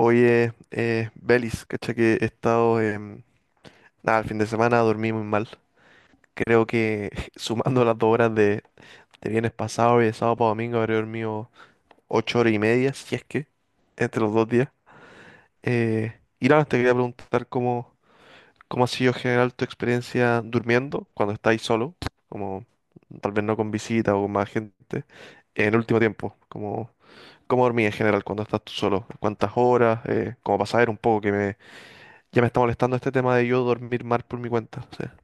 Oye, Belis, cacha que he estado, nada, el fin de semana dormí muy mal. Creo que sumando las dos horas de viernes pasado y de sábado para domingo habré dormido ocho horas y media, si es que, entre los dos días. Eh, y nada, te quería preguntar cómo ha sido en general tu experiencia durmiendo cuando estáis solo, como tal vez no con visita o con más gente, en el último tiempo, como cómo dormí en general cuando estás tú solo, cuántas horas, cómo pasar un poco que me ya me está molestando este tema de yo dormir mal por mi cuenta. O sea,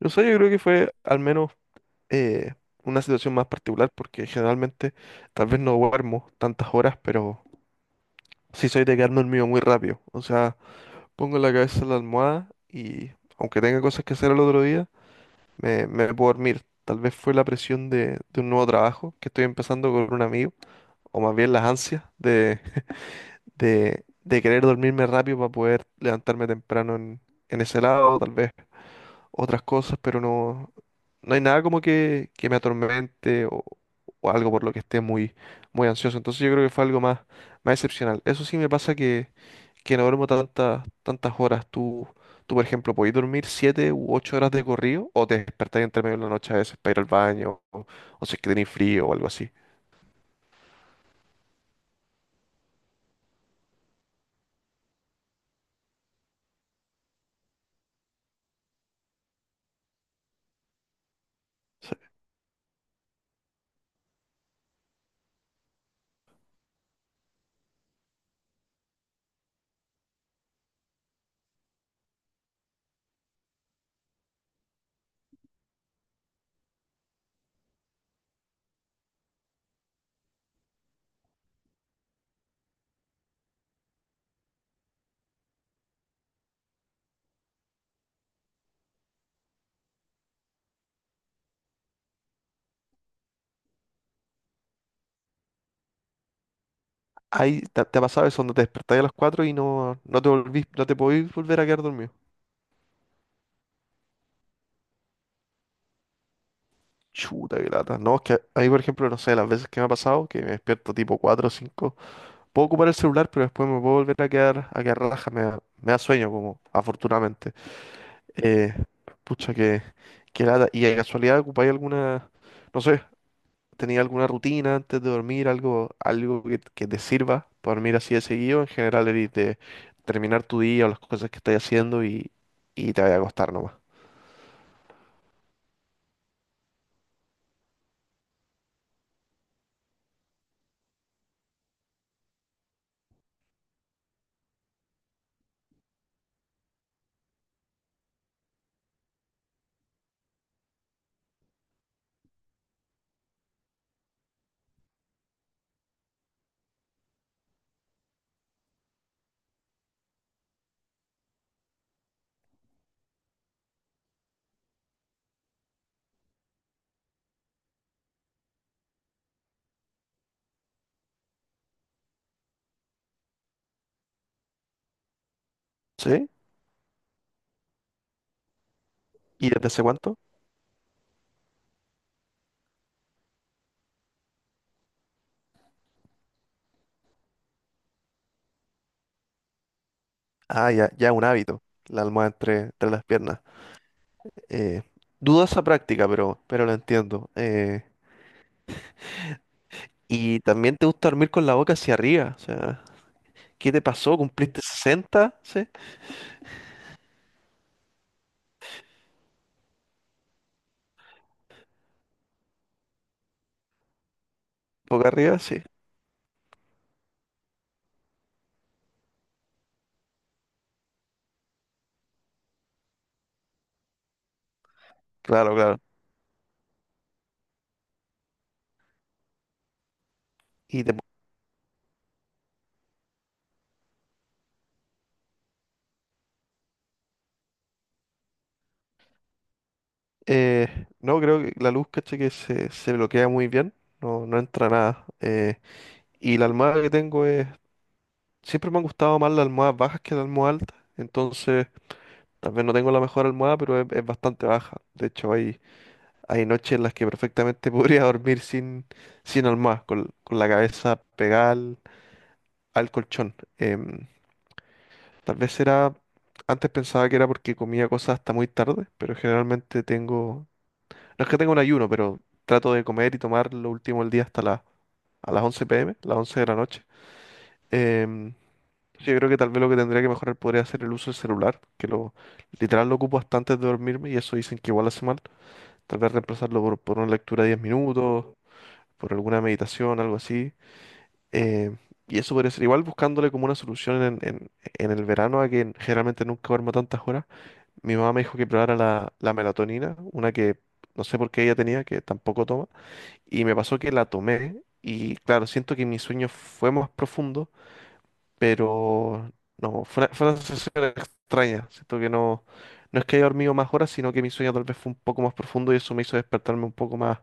yo sé, yo creo que fue al menos eh, una situación más particular porque generalmente tal vez no duermo tantas horas, pero sí soy de quedarme dormido muy rápido. O sea, pongo la cabeza en la almohada y aunque tenga cosas que hacer al otro día, me puedo dormir. Tal vez fue la presión de un nuevo trabajo que estoy empezando con un amigo, o más bien las ansias de querer dormirme rápido para poder levantarme temprano en ese lado, tal vez. Otras cosas, pero no, no hay nada como que me atormente o algo por lo que esté muy ansioso. Entonces yo creo que fue algo más excepcional. Eso sí me pasa que no duermo tantas horas. Tú, por ejemplo, podés dormir siete u ocho horas de corrido o te despertás entre medio de la noche a veces para ir al baño o si es que tenés frío o algo así. Ahí te ha pasado eso, donde te despertás a las cuatro y no, no te volvís, no te podís volver a quedar dormido. Chuta, qué lata. No, es que ahí, por ejemplo, no sé, las veces que me ha pasado, que me despierto tipo 4 o 5 puedo ocupar el celular, pero después me puedo volver a quedar relajado, me da sueño, como, afortunadamente. Eh, pucha, qué lata. ¿Y de casualidad ocupáis alguna, no sé, tenía alguna rutina antes de dormir, algo que te sirva para dormir así de seguido? En general, eres de terminar tu día o las cosas que estás haciendo y te vas a acostar nomás. ¿Sí? ¿Y desde hace cuánto? Ah, ya, ya un hábito, la almohada entre las piernas. Eh, dudo esa práctica, pero lo entiendo. Y también te gusta dormir con la boca hacia arriba, o sea, ¿qué te pasó? ¿Cumpliste 60, ¿sí? ¿Boca arriba? Sí, claro, claro. Y te- no, creo que la luz, caché, que se bloquea muy bien, no, no entra nada. Y la almohada que tengo es... Siempre me han gustado más las almohadas bajas que las almohadas altas, entonces tal vez no tengo la mejor almohada, pero es bastante baja. De hecho, hay hay noches en las que perfectamente podría dormir sin almohada, con la cabeza pegada al colchón. Tal vez era, antes pensaba que era porque comía cosas hasta muy tarde, pero generalmente tengo, no es que tenga un ayuno, pero trato de comer y tomar lo último del día hasta las a las once p m las 11 de la noche. Em, yo creo que tal vez lo que tendría que mejorar podría ser el uso del celular, que lo literal lo ocupo hasta antes de dormirme y eso dicen que igual hace mal. Tal vez reemplazarlo por una lectura de 10 minutos, por alguna meditación, algo así. eh, y eso podría ser igual buscándole como una solución en el verano, a que generalmente nunca duermo tantas horas. Mi mamá me dijo que probara la melatonina, una que no sé por qué ella tenía, que tampoco toma. Y me pasó que la tomé y claro, siento que mi sueño fue más profundo, pero no, fue una sensación extraña. Siento que no, no es que haya dormido más horas, sino que mi sueño tal vez fue un poco más profundo y eso me hizo despertarme un poco más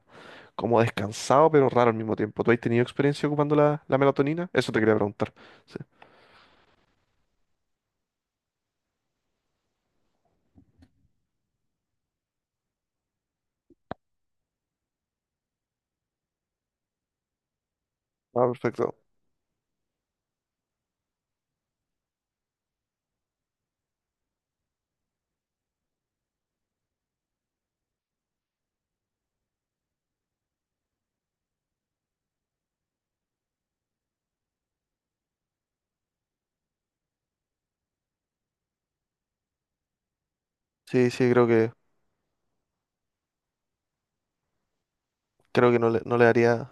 como descansado, pero raro al mismo tiempo. ¿Tú has tenido experiencia ocupando la melatonina? Eso te quería preguntar. Sí. Ah, perfecto. Sí, sí, creo que no no le haría.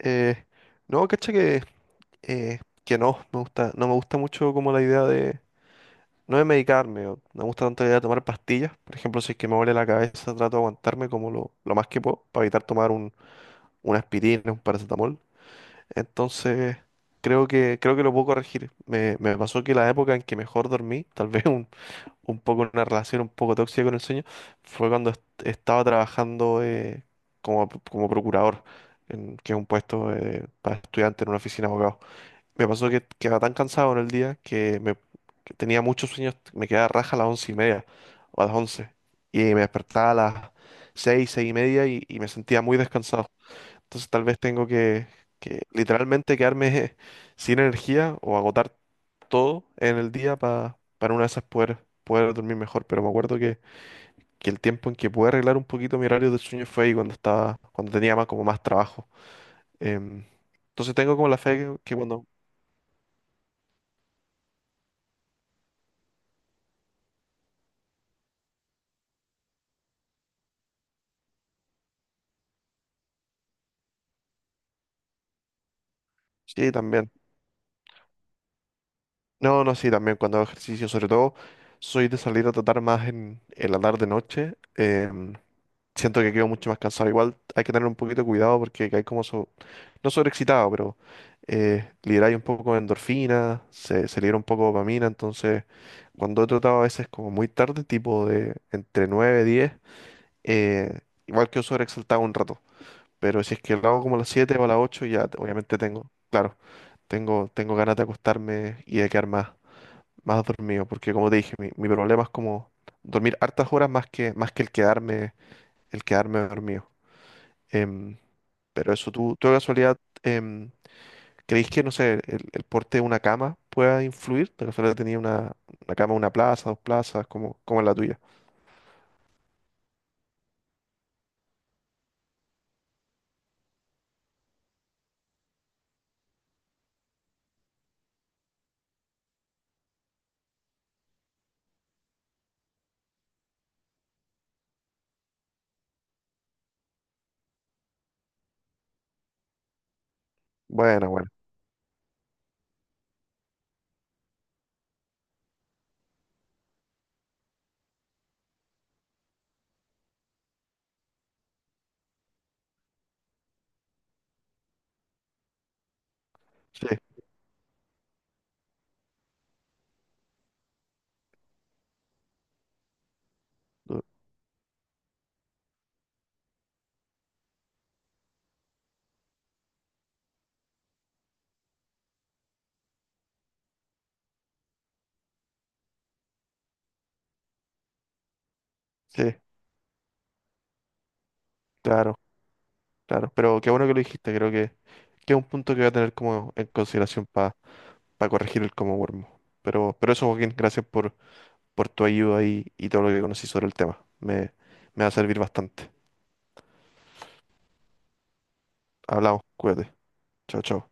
eh, no, cacha que no, me gusta, no me gusta mucho como la idea de. No de medicarme, o no me gusta tanto la idea de tomar pastillas. Por ejemplo, si es que me duele la cabeza, trato de aguantarme como lo más que puedo, para evitar tomar un, una aspirina, un paracetamol. Entonces, creo que lo puedo corregir. Me pasó que la época en que mejor dormí, tal vez un poco una relación un poco tóxica con el sueño fue cuando estaba trabajando como, como procurador, en, que es un puesto para estudiante en una oficina de abogados. Me pasó que quedaba tan cansado en el día que tenía muchos sueños, me quedaba raja a las once y media o a las once y me despertaba a las seis, seis y media y me sentía muy descansado. Entonces tal vez tengo que literalmente quedarme sin energía o agotar todo en el día para una de esas poder dormir mejor. Pero me acuerdo que el tiempo en que pude arreglar un poquito mi horario de sueño fue ahí cuando estaba, cuando tenía más como más trabajo. Em, entonces tengo como la fe que cuando... Sí, también. No, no, sí, también cuando hago ejercicio, sobre todo soy de salir a tratar más en la tarde-noche. Siento que quedo mucho más cansado. Igual hay que tener un poquito de cuidado porque hay como, no sobreexcitado, pero liberáis un poco de endorfina, se libera un poco de dopamina. Entonces, cuando he tratado a veces como muy tarde, tipo de entre 9 y 10, eh, igual que sobreexaltado un rato. Pero si es que lo hago como a las 7 o a las 8 ya obviamente tengo, claro, tengo ganas de acostarme y de quedar más dormido. Porque como te dije, mi problema es como dormir hartas horas más que el quedarme dormido. Em, pero eso, ¿tú de casualidad em, creéis que, no sé, el porte de una cama pueda influir? De casualidad tenía una cama, una plaza, dos plazas, como, como es la tuya. Bueno, bueno. Sí, du- sí, claro, claro. Pero qué bueno que lo dijiste, que es un punto que voy a tener como en consideración para corregir el comodormo. Pero eso, Joaquín, gracias por tu ayuda y todo lo que conocí sobre el tema. Me va a servir bastante. Hablamos, cuídate. Chao, chao.